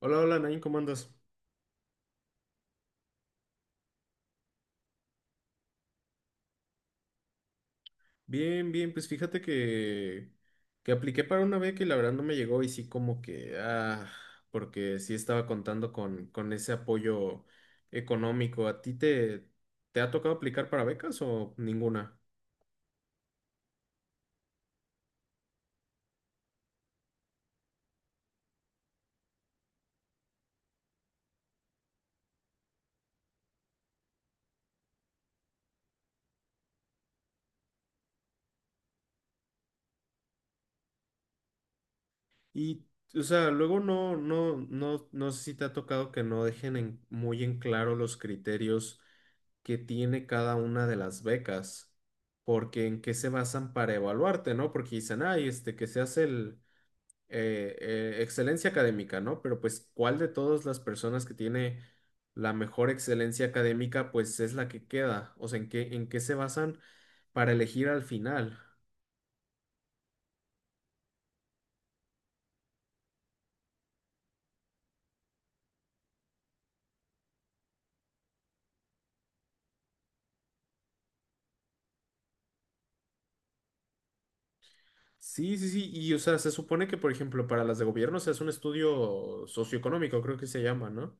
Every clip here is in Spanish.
Hola, hola, Nain, ¿cómo andas? Bien, bien, pues fíjate que apliqué para una beca y la verdad no me llegó y sí como que, ah, porque sí estaba contando con ese apoyo económico. ¿A ti te ha tocado aplicar para becas o ninguna? Y, o sea, luego no sé si te ha tocado que no dejen en- muy en claro los criterios que tiene cada una de las becas, porque en qué se basan para evaluarte, ¿no? Porque dicen, ay, este, que seas el excelencia académica, ¿no? Pero pues, ¿cuál de todas las personas que tiene la mejor excelencia académica, pues es la que queda? O sea, ¿en qué se basan para elegir al final? Sí, sí, sí, y o sea, se supone que, por ejemplo, para las de gobierno se hace un estudio socioeconómico, creo que se llama, ¿no?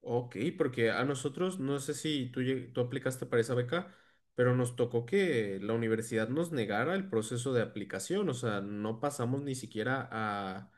Ok, porque a nosotros, no sé si tú, lleg- tú aplicaste para esa beca, pero nos tocó que la universidad nos negara el proceso de aplicación, o sea, no pasamos ni siquiera a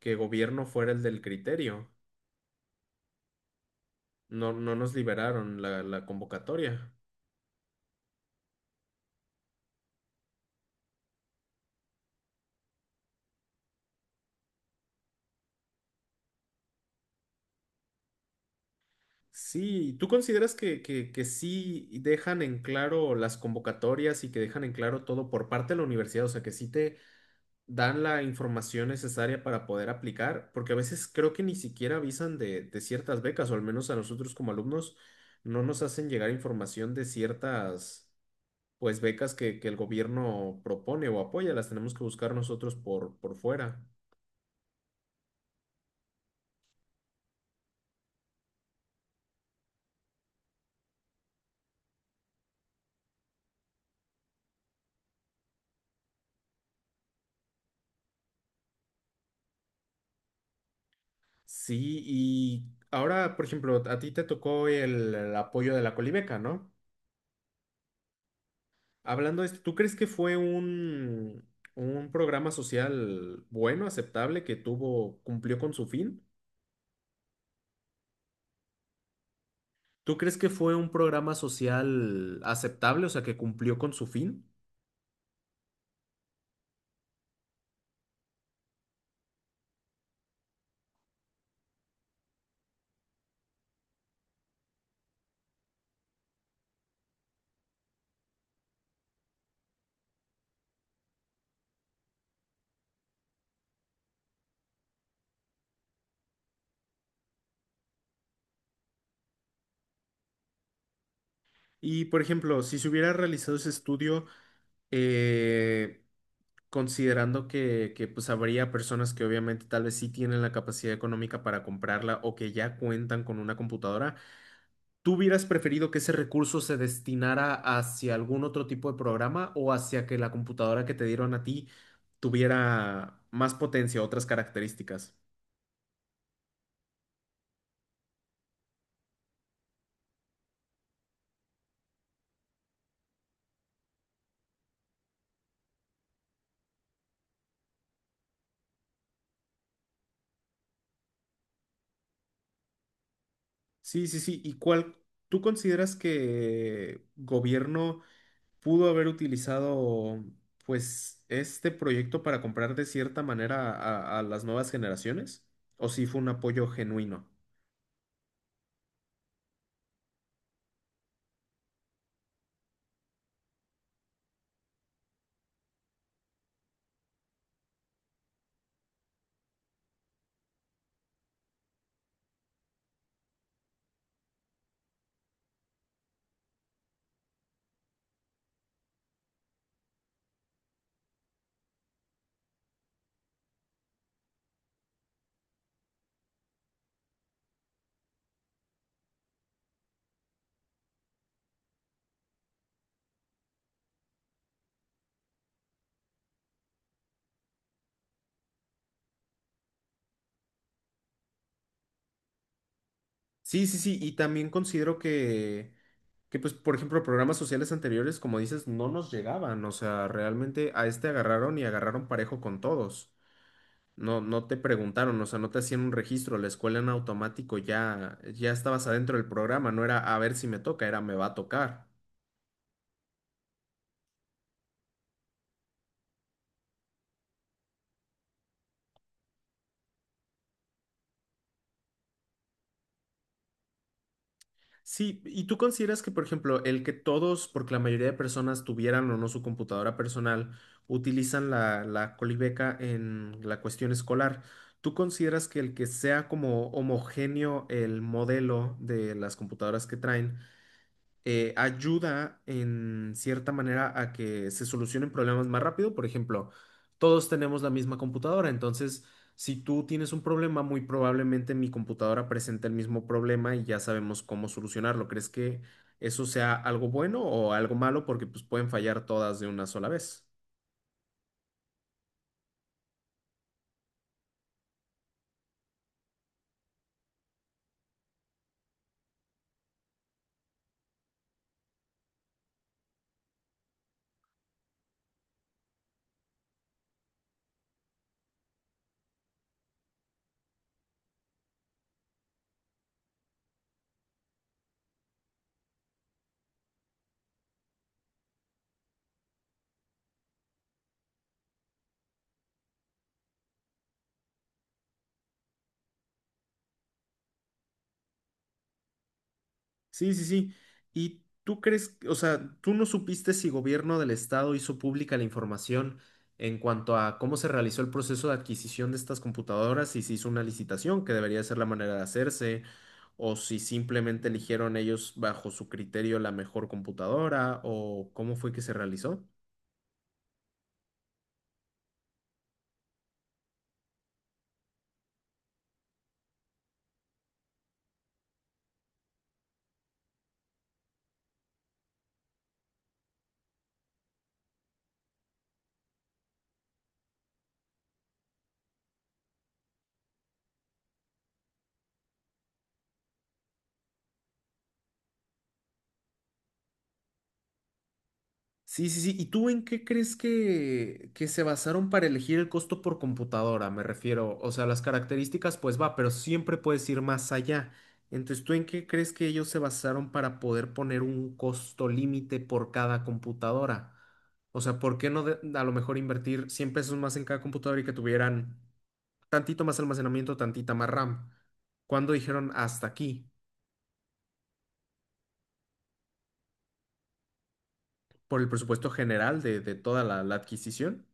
que gobierno fuera el del criterio, no, no nos liberaron la convocatoria. Sí, ¿tú consideras que sí dejan en claro las convocatorias y que dejan en claro todo por parte de la universidad? O sea, que sí dan la información necesaria para poder aplicar, porque a veces creo que ni siquiera avisan de ciertas becas, o al menos a nosotros como alumnos no nos hacen llegar información de ciertas, pues, becas que el gobierno propone o apoya, las tenemos que buscar nosotros por fuera. Sí, y ahora, por ejemplo, a ti te tocó el apoyo de la Colibeca, ¿no? Hablando de esto, ¿tú crees que fue un programa social bueno, aceptable, que tuvo, cumplió con su fin? ¿Tú crees que fue un programa social aceptable, o sea, que cumplió con su fin? Y, por ejemplo, si se hubiera realizado ese estudio, eh, considerando pues habría personas que obviamente tal vez sí tienen la capacidad económica para comprarla o que ya cuentan con una computadora, ¿tú hubieras preferido que ese recurso se destinara hacia algún otro tipo de programa o hacia que la computadora que te dieron a ti tuviera más potencia, otras características? Sí, sí, sí. ¿Y cuál tú consideras que gobierno pudo haber utilizado, pues, este proyecto para comprar de cierta manera a las nuevas generaciones? ¿O si fue un apoyo genuino? Sí, sí, sí. Y también considero pues, por ejemplo, programas sociales anteriores, como dices, no nos llegaban. O sea, realmente a este agarraron y agarraron parejo con todos. No, no te preguntaron, o sea, no te hacían un registro, la escuela en automático ya, ya estabas adentro del programa, no era a ver si me toca, era me va a tocar. Sí, ¿y tú consideras que, por ejemplo, el que todos, porque la mayoría de personas tuvieran o no su computadora personal, utilizan la Colibeca en la cuestión escolar, ¿tú consideras que el que sea como homogéneo el modelo de las computadoras que traen? Ayuda en cierta manera a que se solucionen problemas más rápido. Por ejemplo, todos tenemos la misma computadora, entonces si tú tienes un problema, muy probablemente mi computadora presente el mismo problema y ya sabemos cómo solucionarlo. ¿Crees que eso sea algo bueno o algo malo? Porque pues pueden fallar todas de una sola vez. Sí, sí, sí. ¿Y tú crees, o sea, tú no supiste si gobierno del estado hizo pública la información en cuanto a cómo se realizó el proceso de adquisición de estas computadoras y si hizo una licitación, que debería ser la manera de hacerse, o si simplemente eligieron ellos bajo su criterio la mejor computadora, o cómo fue que se realizó? Sí, sí, sí. ¿Y tú en qué crees que se basaron para elegir el costo por computadora? Me refiero, o sea, las características, pues va, pero siempre puedes ir más allá. Entonces, ¿tú en qué crees que ellos se basaron para poder poner un costo límite por cada computadora? O sea, ¿por qué no de- a lo mejor invertir 100 pesos más en cada computadora y que tuvieran tantito más almacenamiento, tantita más RAM? ¿Cuándo dijeron hasta aquí? ¿Por el presupuesto general de toda la la adquisición?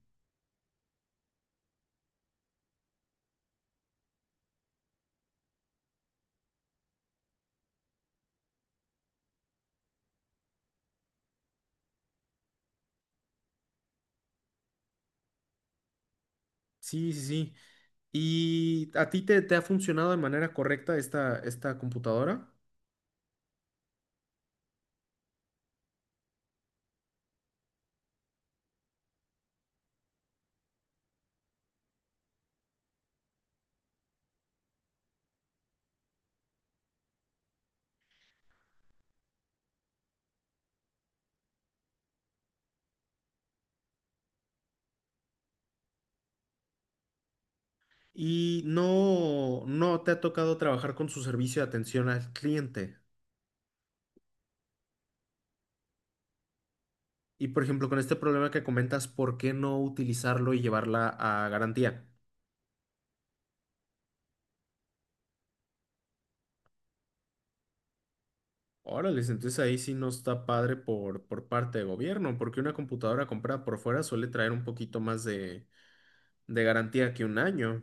Sí, sí, sí. ¿Y a ti te ha funcionado de manera correcta esta computadora? ¿Y no, no te ha tocado trabajar con su servicio de atención al cliente? Y por ejemplo, con este problema que comentas, ¿por qué no utilizarlo y llevarla a garantía? Órale, entonces ahí sí no está padre por parte de gobierno, porque una computadora comprada por fuera suele traer un poquito más de garantía que 1 año.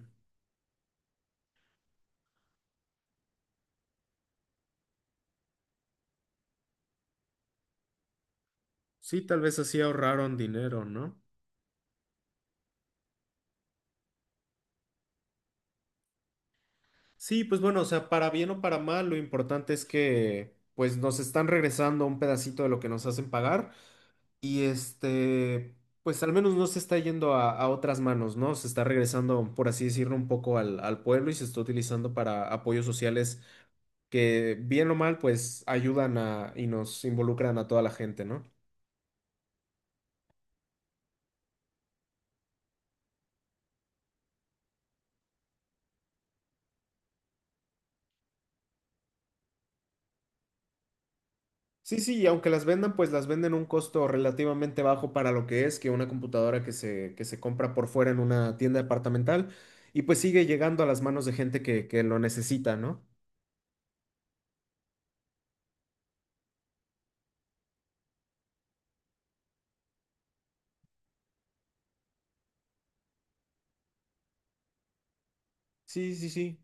Sí, tal vez así ahorraron dinero, ¿no? Sí, pues bueno, o sea, para bien o para mal, lo importante es que pues nos están regresando un pedacito de lo que nos hacen pagar y este, pues al menos no se está yendo a otras manos, ¿no? Se está regresando, por así decirlo, un poco al, al pueblo y se está utilizando para apoyos sociales que bien o mal, pues ayudan a y nos involucran a toda la gente, ¿no? Sí, sí, y aunque las vendan, pues las venden a un costo relativamente bajo para lo que es que una computadora que se compra por fuera en una tienda departamental y pues sigue llegando a las manos de gente que lo necesita, ¿no? Sí, sí, sí.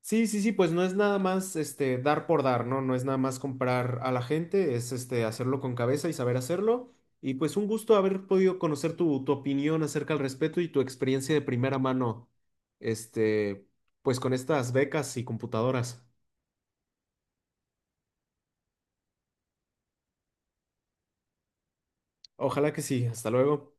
Sí, sí, sí, pues no es nada más este dar por dar, ¿no? No es nada más comprar a la gente, es este hacerlo con cabeza y saber hacerlo. Y pues un gusto haber podido conocer tu, tu opinión acerca al respecto y tu experiencia de primera mano, este, pues con estas becas y computadoras. Ojalá que sí. Hasta luego.